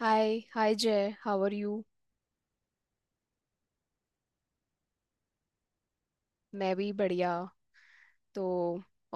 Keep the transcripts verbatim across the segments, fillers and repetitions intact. Hi hi, Jay. How are you. मैं भी बढ़िया। तो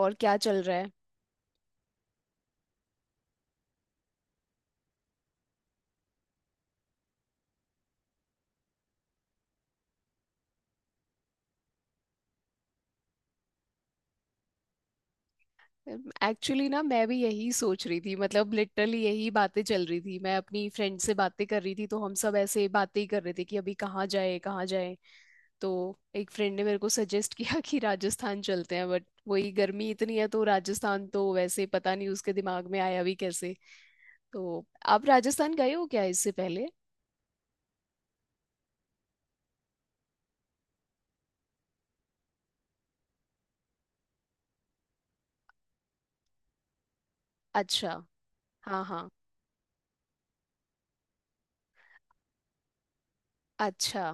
और क्या चल रहा है। एक्चुअली ना मैं भी यही सोच रही थी, मतलब लिटरली यही बातें चल रही थी, मैं अपनी फ्रेंड से बातें कर रही थी तो हम सब ऐसे बातें ही कर रहे थे कि अभी कहाँ जाए कहाँ जाए। तो एक फ्रेंड ने मेरे को सजेस्ट किया कि राजस्थान चलते हैं, बट वही गर्मी इतनी है तो राजस्थान, तो वैसे पता नहीं उसके दिमाग में आया भी कैसे। तो आप राजस्थान गए हो क्या इससे पहले? अच्छा। हाँ हाँ। अच्छा।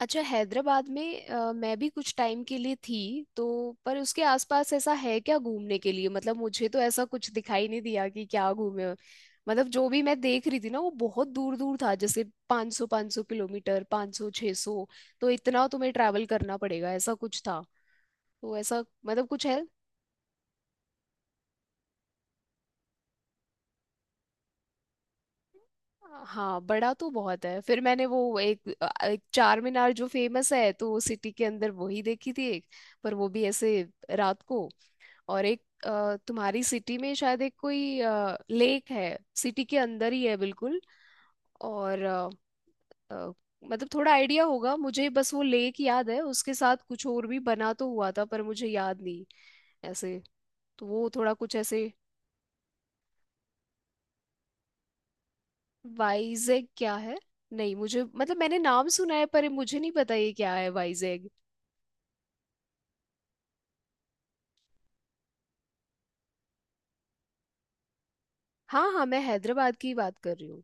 अच्छा, हैदराबाद में अ, मैं भी कुछ टाइम के लिए थी। तो पर उसके आसपास ऐसा है क्या घूमने के लिए, मतलब मुझे तो ऐसा कुछ दिखाई नहीं दिया कि क्या घूमे हो। मतलब जो भी मैं देख रही थी ना वो बहुत दूर दूर था, जैसे पाँच सौ पाँच सौ किलोमीटर, पाँच सौ छः सौ, तो इतना तुम्हें ट्रैवल करना पड़ेगा, ऐसा कुछ था। तो ऐसा मतलब कुछ है। हाँ, बड़ा तो बहुत है। फिर मैंने वो एक, अ, एक चार मीनार जो फेमस है तो सिटी के अंदर वही देखी थी एक। पर वो भी ऐसे रात को। और एक अ, तुम्हारी सिटी में शायद एक कोई लेक है, सिटी के अंदर ही है बिल्कुल। और अ, अ, मतलब थोड़ा आइडिया होगा मुझे, बस वो लेक याद है, उसके साथ कुछ और भी बना तो हुआ था पर मुझे याद नहीं ऐसे। तो वो थोड़ा कुछ ऐसे। वाइजैग क्या है? नहीं, मुझे मतलब मैंने नाम सुना है पर मुझे नहीं पता ये क्या है वाइजैग। हाँ हाँ, मैं हैदराबाद की बात कर रही हूँ।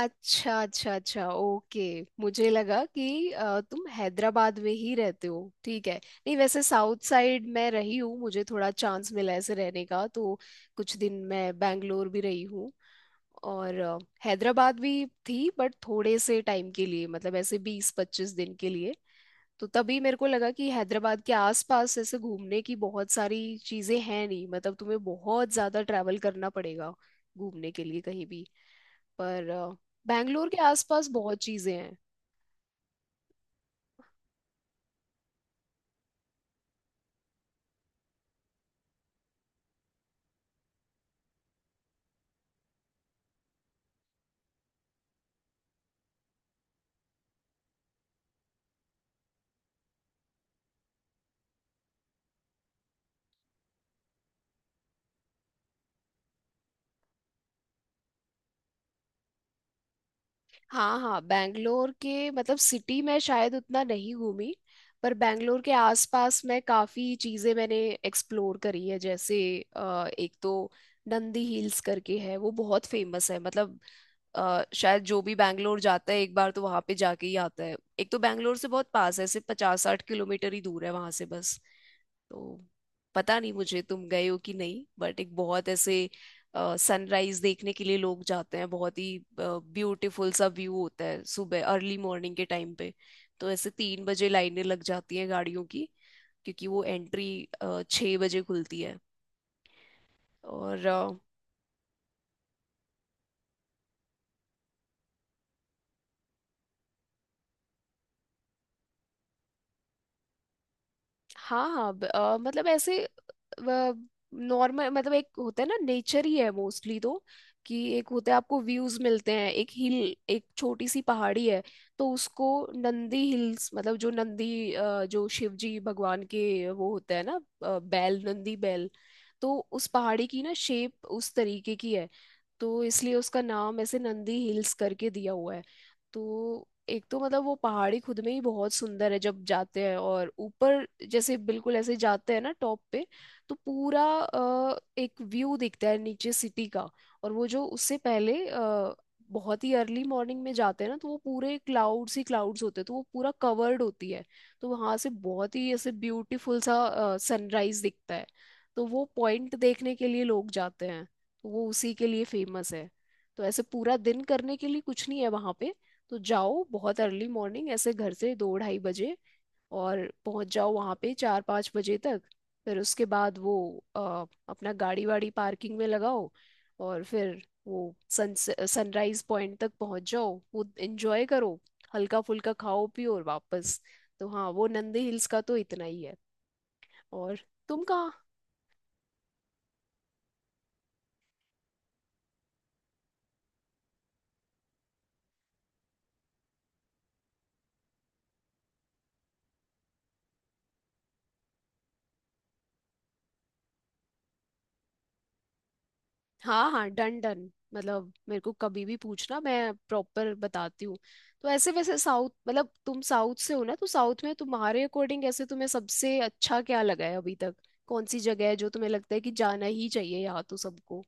अच्छा अच्छा अच्छा, ओके। मुझे लगा कि अ, तुम हैदराबाद में ही रहते हो। ठीक है। नहीं वैसे साउथ साइड मैं रही हूँ, मुझे थोड़ा चांस मिला ऐसे रहने का तो। कुछ दिन मैं बैंगलोर भी रही हूँ और अ, हैदराबाद भी थी, बट थोड़े से टाइम के लिए, मतलब ऐसे बीस पच्चीस दिन के लिए। तो तभी मेरे को लगा कि हैदराबाद के आसपास ऐसे घूमने की बहुत सारी चीज़ें हैं नहीं, मतलब तुम्हें बहुत ज़्यादा ट्रैवल करना पड़ेगा घूमने के लिए कहीं भी। पर अ, बैंगलोर के आसपास बहुत चीजें हैं। हाँ हाँ, बैंगलोर के मतलब सिटी में शायद उतना नहीं घूमी। पर बैंगलोर के आसपास में काफी चीजें मैंने एक्सप्लोर करी है। जैसे अ, एक तो नंदी हिल्स करके है, वो बहुत फेमस है मतलब। अ, शायद जो भी बैंगलोर जाता है एक बार तो वहां पे जाके ही आता है। एक तो बैंगलोर से बहुत पास है, सिर्फ पचास साठ किलोमीटर ही दूर है वहां से बस। तो पता नहीं मुझे, तुम गए हो कि नहीं, बट एक बहुत ऐसे सनराइज देखने के लिए लोग जाते हैं, बहुत ही ब्यूटीफुल सा व्यू होता है सुबह अर्ली मॉर्निंग के टाइम पे। तो ऐसे तीन बजे लाइनें लग जाती हैं गाड़ियों की, क्योंकि वो एंट्री छः बजे खुलती है। और अ, हाँ हाँ, ब- अ, मतलब ऐसे नॉर्मल, मतलब एक होता है ना, नेचर ही है मोस्टली, तो कि एक होता है आपको व्यूज मिलते हैं, एक हिल, एक छोटी सी पहाड़ी है। तो उसको नंदी हिल्स, मतलब जो नंदी अ, जो शिव जी भगवान के वो होता है ना, अ, बैल, नंदी बैल। तो उस पहाड़ी की ना शेप उस तरीके की है, तो इसलिए उसका नाम ऐसे नंदी हिल्स करके दिया हुआ है। तो एक तो मतलब वो पहाड़ी खुद में ही बहुत सुंदर है जब जाते हैं, और ऊपर जैसे बिल्कुल ऐसे जाते हैं ना टॉप पे, तो पूरा अ, एक व्यू दिखता है नीचे सिटी का। और वो जो उससे पहले अ, बहुत ही अर्ली मॉर्निंग में जाते हैं ना, तो वो पूरे क्लाउड्स ही क्लाउड्स होते हैं, तो वो पूरा कवर्ड होती है। तो वहां से बहुत ही ऐसे ब्यूटीफुल सा सनराइज दिखता है। तो वो पॉइंट देखने के लिए लोग जाते हैं, तो वो उसी के लिए फेमस है। तो ऐसे पूरा दिन करने के लिए कुछ नहीं है वहां पे। तो जाओ बहुत अर्ली मॉर्निंग, ऐसे घर से दो ढाई बजे, और पहुंच जाओ वहां पे चार पाँच बजे तक। फिर उसके बाद वो अ, अपना गाड़ी वाड़ी पार्किंग में लगाओ, और फिर वो सन सनराइज पॉइंट तक पहुंच जाओ, वो एंजॉय करो, हल्का फुल्का खाओ पियो और वापस। तो हाँ, वो नंदे हिल्स का तो इतना ही है। और तुम कहाँ? हाँ हाँ, डन डन, मतलब मेरे को कभी भी पूछना, मैं प्रॉपर बताती हूँ। तो ऐसे वैसे साउथ, मतलब तुम साउथ से हो ना, तो साउथ में तुम्हारे अकॉर्डिंग ऐसे तुम्हें सबसे अच्छा क्या लगा है अभी तक? कौन सी जगह है जो तुम्हें लगता है कि जाना ही चाहिए यहाँ तो सबको?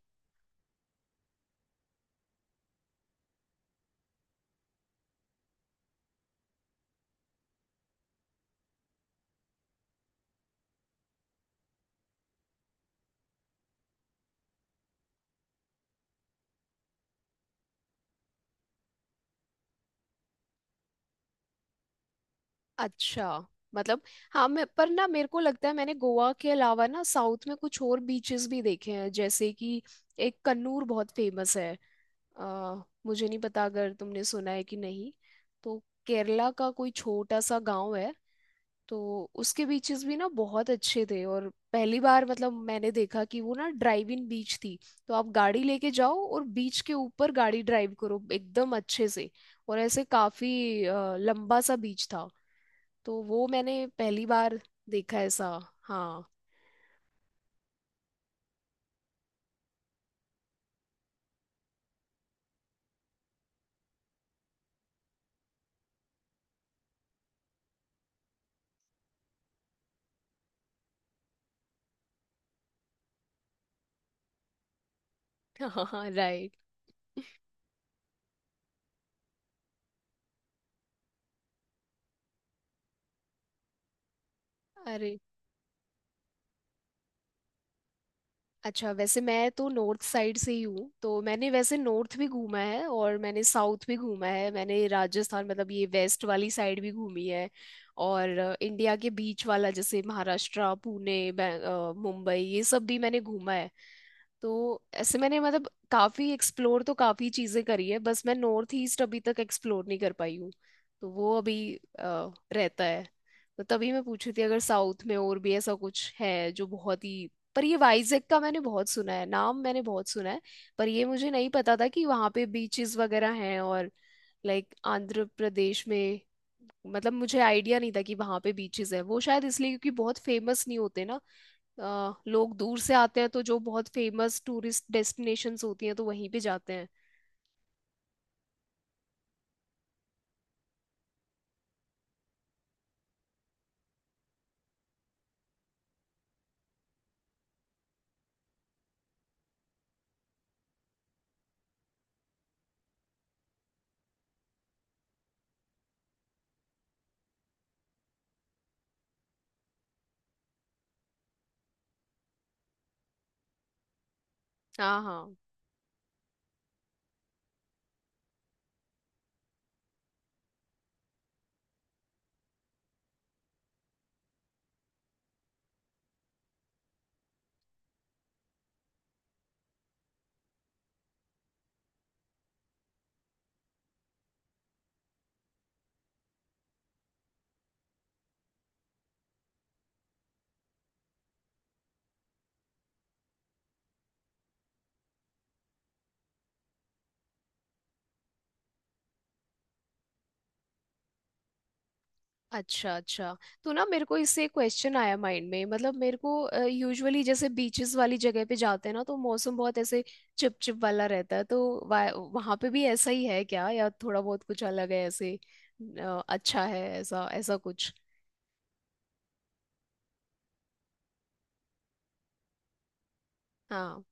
अच्छा, मतलब हाँ, मैं पर ना मेरे को लगता है मैंने गोवा के अलावा ना साउथ में कुछ और बीचेस भी देखे हैं, जैसे कि एक कन्नूर बहुत फेमस है। अ, मुझे नहीं पता अगर तुमने सुना है कि नहीं। तो केरला का कोई छोटा सा गांव है, तो उसके बीचेस भी ना बहुत अच्छे थे, और पहली बार मतलब मैंने देखा कि वो ना ड्राइव इन बीच थी। तो आप गाड़ी लेके जाओ और बीच के ऊपर गाड़ी ड्राइव करो एकदम अच्छे से, और ऐसे काफी अ, लंबा सा बीच था। तो वो मैंने पहली बार देखा ऐसा। हाँ। हाँ, राइट। अरे, अच्छा वैसे मैं तो नॉर्थ साइड से ही हूँ, तो मैंने वैसे नॉर्थ भी घूमा है और मैंने साउथ भी घूमा है, मैंने राजस्थान, मतलब ये वेस्ट वाली साइड भी घूमी है। और अ, इंडिया के बीच वाला जैसे महाराष्ट्र, पुणे, बै- अ, मुंबई, ये सब भी मैंने घूमा है। तो ऐसे मैंने मतलब काफी एक्सप्लोर, तो काफी चीजें करी है, बस मैं नॉर्थ ईस्ट अभी तक एक्सप्लोर नहीं कर पाई हूँ। तो वो अभी अ, रहता है। तो तभी मैं पूछ रही थी अगर साउथ में और भी ऐसा कुछ है जो बहुत ही। पर ये वाइजैक का मैंने बहुत सुना है नाम, मैंने बहुत सुना है। पर ये मुझे नहीं पता था कि वहाँ पे बीचेस वगैरह हैं, और लाइक आंध्र प्रदेश में। मतलब मुझे आइडिया नहीं था कि वहाँ पे बीचेस है। वो शायद इसलिए क्योंकि बहुत फेमस नहीं होते ना। अ, लोग दूर से आते हैं तो जो बहुत फेमस टूरिस्ट डेस्टिनेशंस होती हैं तो वहीं पे जाते हैं। हाँ हाँ। अच्छा अच्छा। तो ना मेरे को इससे एक क्वेश्चन आया माइंड में, मतलब मेरे को यूजुअली जैसे बीचेस वाली जगह पे जाते हैं ना तो मौसम बहुत ऐसे चिपचिप वाला रहता है, तो वहां पे भी ऐसा ही है क्या, या थोड़ा बहुत कुछ अलग है ऐसे अ, अच्छा है, ऐसा ऐसा कुछ? हाँ।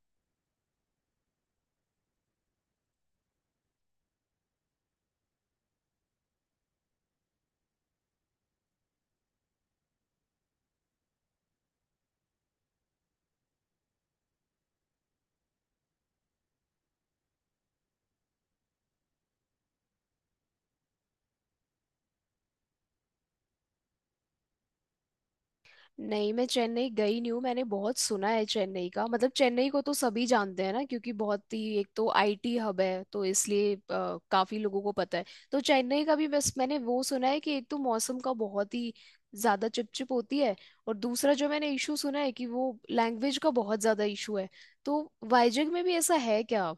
नहीं, मैं चेन्नई गई नहीं हूँ। मैंने बहुत सुना है चेन्नई का, मतलब चेन्नई को तो सभी जानते हैं ना, क्योंकि बहुत ही एक तो आईटी हब है तो इसलिए अ, काफी लोगों को पता है। तो चेन्नई का भी बस मैंने वो सुना है कि एक तो मौसम का बहुत ही ज्यादा चिपचिप होती है, और दूसरा जो मैंने इशू सुना है कि वो लैंग्वेज का बहुत ज्यादा इशू है। तो वाइजग में भी ऐसा है क्या?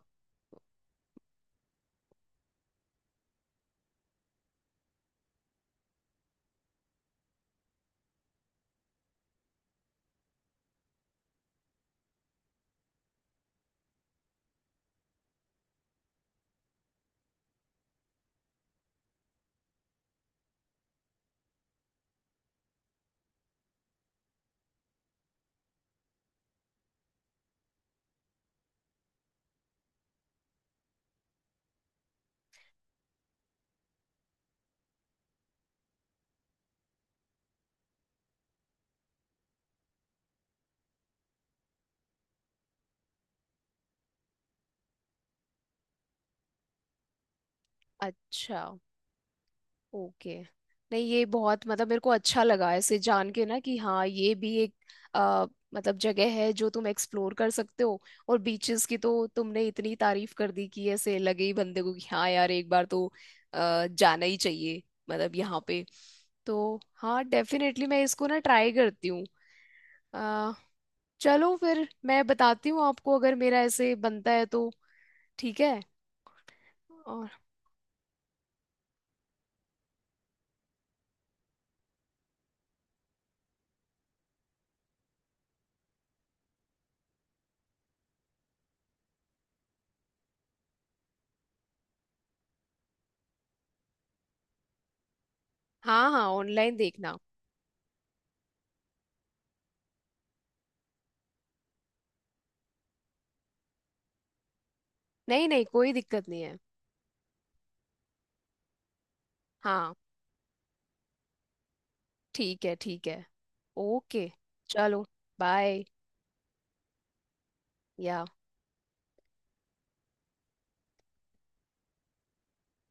अच्छा। ओके। नहीं ये बहुत, मतलब मेरे को अच्छा लगा ऐसे जान के ना कि हाँ ये भी एक अ, मतलब जगह है जो तुम एक्सप्लोर कर सकते हो। और बीचेस की तो तुमने इतनी तारीफ कर दी कि ऐसे लगे ही बंदे को कि हाँ यार, एक बार तो अ, जाना ही चाहिए मतलब यहाँ पे। तो हाँ, डेफिनेटली मैं इसको ना ट्राई करती हूँ। अ, चलो फिर मैं बताती हूँ आपको अगर मेरा ऐसे बनता है तो। ठीक है। और हाँ हाँ, ऑनलाइन देखना। नहीं नहीं, कोई दिक्कत नहीं है। हाँ, ठीक है ठीक है। ओके। चलो। बाय। या।